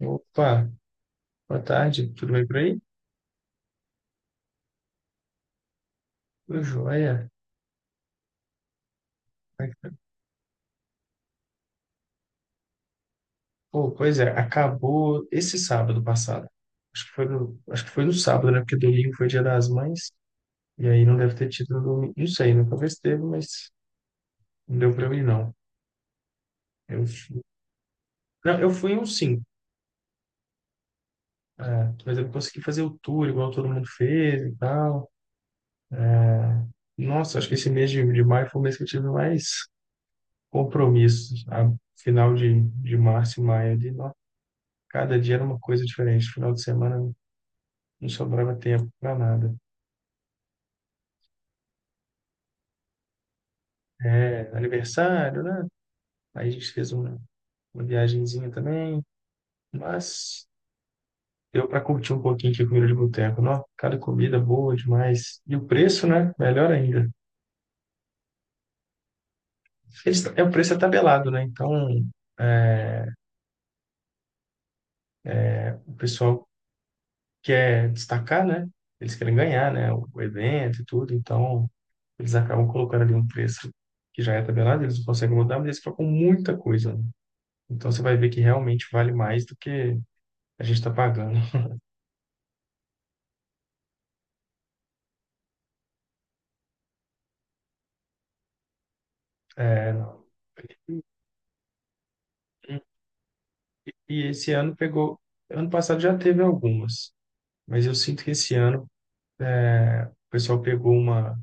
Opa, boa tarde, tudo bem por aí? Tudo jóia. Pô, pois é, acabou esse sábado passado. Acho que foi no sábado, né? Porque domingo foi Dia das Mães, e aí não deve ter tido no domingo. Não sei, nunca vi se teve, mas não deu pra mim, não. Eu, fui- não, eu fui em um sim, é, mas eu não consegui fazer o tour igual todo mundo fez e tal. Nossa, acho que esse mês de maio foi o mês que eu tive mais compromissos. A final de março e maio ali, nó, cada dia era uma coisa diferente. Final de semana não sobrava tempo para nada. É, aniversário, né? Aí a gente fez uma viagenzinha também, mas deu para curtir um pouquinho aqui a comida de boteco, não? Cada comida boa demais. E o preço, né? Melhor ainda. Eles, é, o preço é tabelado, né? Então, é, o pessoal quer destacar, né? Eles querem ganhar, né? O evento e tudo, então eles acabam colocando ali um preço que já é tabelado, eles não conseguem mudar, mas eles colocam muita coisa, né? Então você vai ver que realmente vale mais do que a gente está pagando. É, e esse ano pegou. Ano passado já teve algumas, mas eu sinto que esse ano é, o pessoal pegou uma,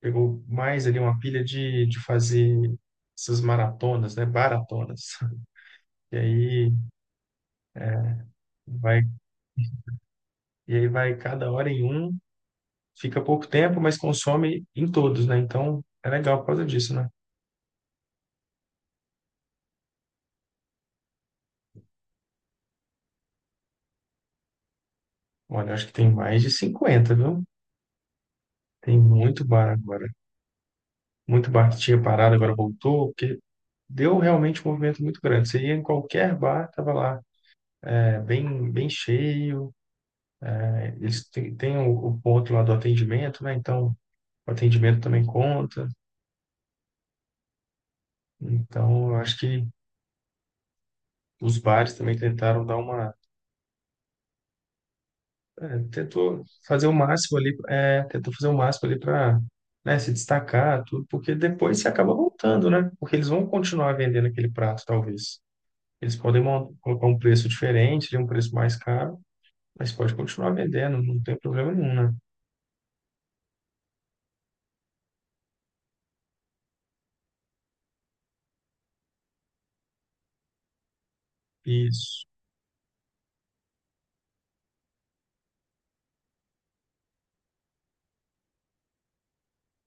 pegou mais ali uma pilha de fazer essas maratonas, né? Baratonas. E aí vai, e aí vai cada hora em um, fica pouco tempo, mas consome em todos, né? Então é legal por causa disso, né? Olha, acho que tem mais de 50, viu? Tem muito bar agora. Muito bar que tinha parado, agora voltou, porque deu realmente um movimento muito grande. Você ia em qualquer bar, estava lá, é, bem cheio. É, eles têm, têm o ponto lá do atendimento, né? Então, o atendimento também conta. Então, eu acho que os bares também tentaram dar uma. É, tentou fazer o máximo ali, é, tentou fazer o máximo ali para, né, se destacar, tudo, porque depois você acaba voltando, né? Porque eles vão continuar vendendo aquele prato, talvez. Eles podem mon- colocar um preço diferente, ali, um preço mais caro, mas pode continuar vendendo, não tem problema nenhum, né? Isso.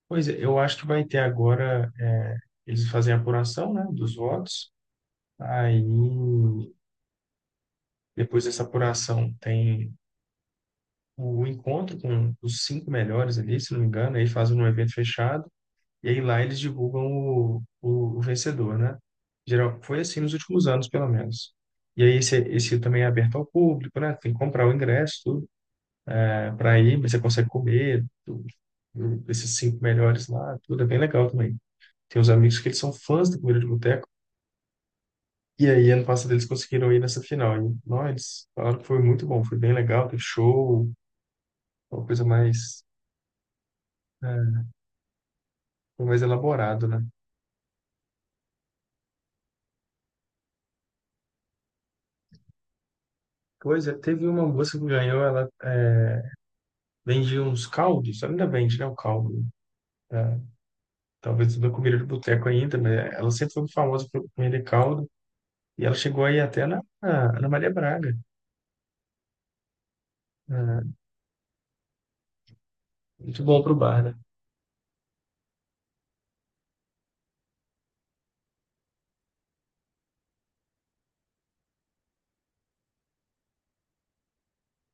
Pois é, eu acho que vai ter agora, é, eles fazem a apuração, né, dos votos. Aí, depois dessa apuração, tem o encontro com os cinco melhores ali, se não me engano, aí fazem um evento fechado, e aí lá eles divulgam o vencedor, né? Geral, foi assim nos últimos anos, pelo menos. E aí esse também é aberto ao público, né? Tem que comprar o ingresso, tudo, para ir, mas você consegue comer, tudo, esses cinco melhores lá, tudo é bem legal também. Tem uns amigos que eles são fãs da comida de boteco. E aí, ano passado, eles conseguiram ir nessa final. E, não, eles falaram que foi muito bom, foi bem legal, teve show, uma coisa mais, foi mais elaborado, né? Pois é, teve uma moça que ganhou, ela é, vendia uns caldos, ela ainda vende, né, o caldo, né? É, talvez não comida de boteco ainda, mas ela sempre foi famosa por vender caldo. E ela chegou aí até na, na Ana Maria Braga, né? Muito bom pro bar, né?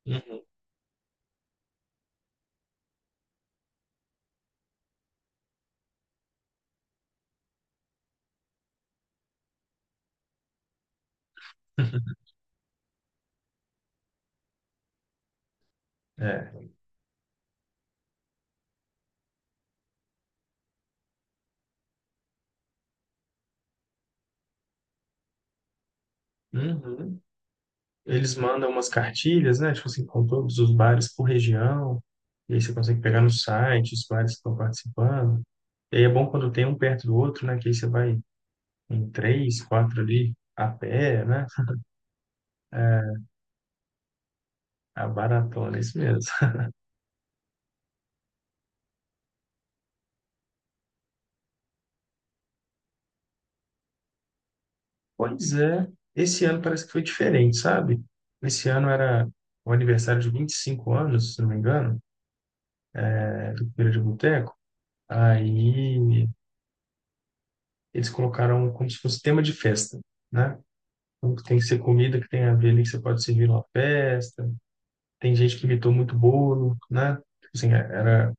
Uhum. É. Uhum. Eles mandam umas cartilhas, né? Tipo assim, com todos os bares por região. E aí você consegue pegar no site os bares que estão participando. E aí é bom quando tem um perto do outro, né? Que aí você vai em três, quatro ali a pé, né? A baratona, é isso mesmo. Pois é, esse ano parece que foi diferente, sabe? Esse ano era o aniversário de 25 anos, se não me engano, do Feira de Boteco. Aí eles colocaram como se fosse tema de festa, né? Então, tem que ser comida que tem a ver ali, que você pode servir numa festa. Tem gente que imitou muito bolo, né? Tipo assim,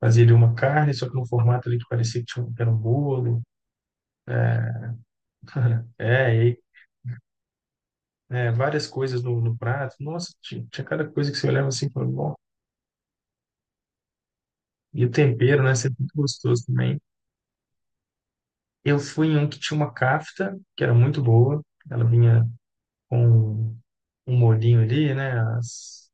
fazia ali uma carne, só que num formato ali que parecia que, tinha, que era um bolo. É, e aí, né, várias coisas no prato. Nossa, tinha cada coisa que você olhava assim, e falava, bom. E o tempero, né? Sempre muito gostoso também. Eu fui em um que tinha uma kafta, que era muito boa. Ela vinha com um molhinho ali, né?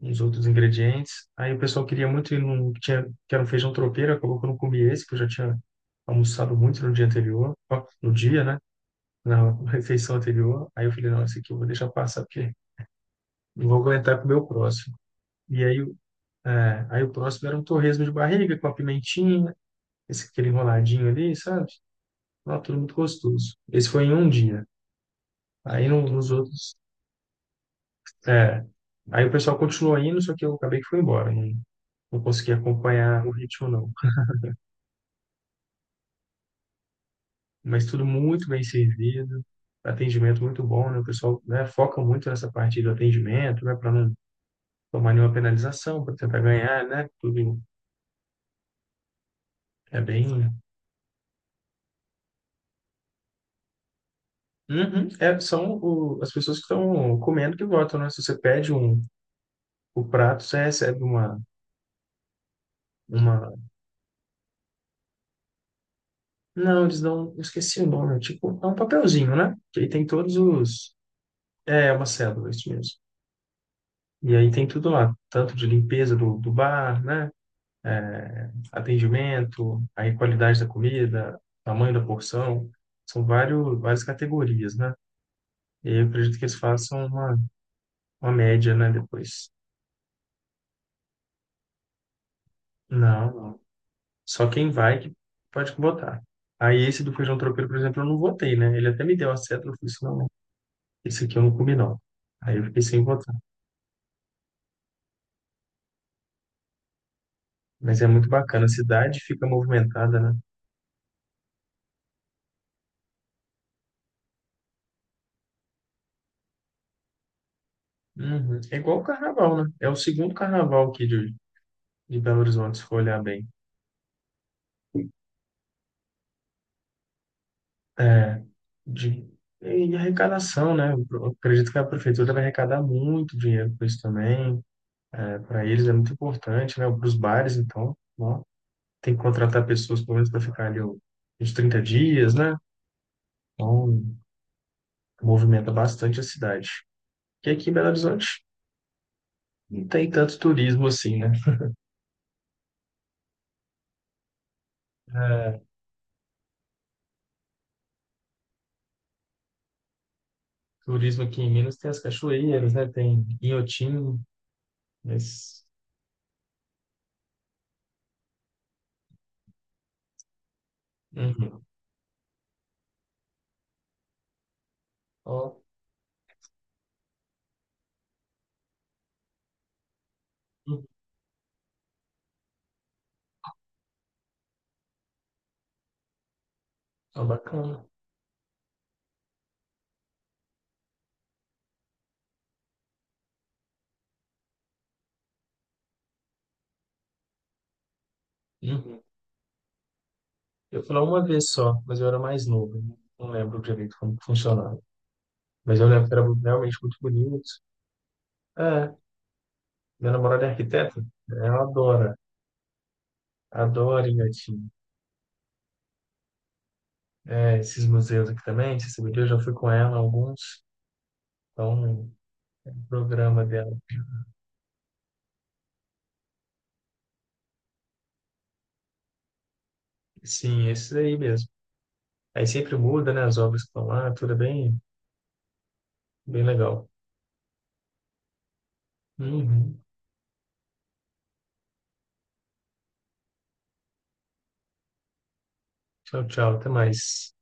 Uns outros ingredientes. Aí o pessoal queria muito ir num que tinha, que era um feijão tropeiro, acabou que eu não comi esse, que eu já tinha almoçado muito no dia anterior, ó, no dia, né? Na refeição anterior. Aí eu falei, não, esse aqui eu vou deixar passar, porque não vou aguentar comer o próximo. E aí, aí o próximo era um torresmo de barriga com a pimentinha, esse aquele enroladinho ali, sabe? Ó, tudo muito gostoso. Esse foi em um dia. Aí nos outros, é, aí o pessoal continuou indo, só que eu acabei que fui embora, não, não consegui acompanhar o ritmo, não. Mas tudo muito bem servido, atendimento muito bom, né? O pessoal, né, foca muito nessa parte do atendimento, né, para não tomar nenhuma penalização, para tentar ganhar, né? Tudo é bem. Uhum. É, são as pessoas que estão comendo que votam, né? Se você pede um, o prato, você recebe uma... Não, eles dão... eu esqueci o nome. É tipo, é um papelzinho, né? Que aí tem todos os... É, uma cédula, isso mesmo. E aí tem tudo lá. Tanto de limpeza do bar, né? Atendimento, aí qualidade da comida, tamanho da porção, são várias categorias, né? E aí eu acredito que eles façam uma média, né, depois. Não, não. Só quem vai que pode botar. Aí esse do feijão tropeiro, por exemplo, eu não votei, né? Ele até me deu a seta, eu falei assim, não, esse aqui eu não comi, não. Aí eu fiquei sem votar. Mas é muito bacana, a cidade fica movimentada, né? Uhum. É igual o carnaval, né? É o segundo carnaval aqui de Belo Horizonte, se for olhar bem. É, de, e de arrecadação, né? Eu acredito que a prefeitura vai arrecadar muito dinheiro com isso também. É, para eles é muito importante, né? Para os bares, então, ó, tem que contratar pessoas pelo menos para ficar ali, ó, uns 30 dias, né? Então, movimenta bastante a cidade. E aqui em Belo Horizonte não tem tanto turismo assim, né? É, turismo aqui em Minas tem as cachoeiras, né? Tem Inhotim, mas... Uhum. Ó, uhum, ó, bacana. Uhum. Eu fui lá uma vez só, mas eu era mais novo, né? Não lembro direito como que funcionava. Mas eu lembro que era realmente muito bonito. É, minha namorada é arquiteta. Ela adora. Adora Inhatim. É, esses museus aqui também. Você sabe, eu já fui com ela a alguns. Então, o programa dela. Sim, esses aí mesmo. Aí sempre muda, né? As obras que estão lá. Tudo é bem legal. Uhum. Tchau, tchau. Até mais.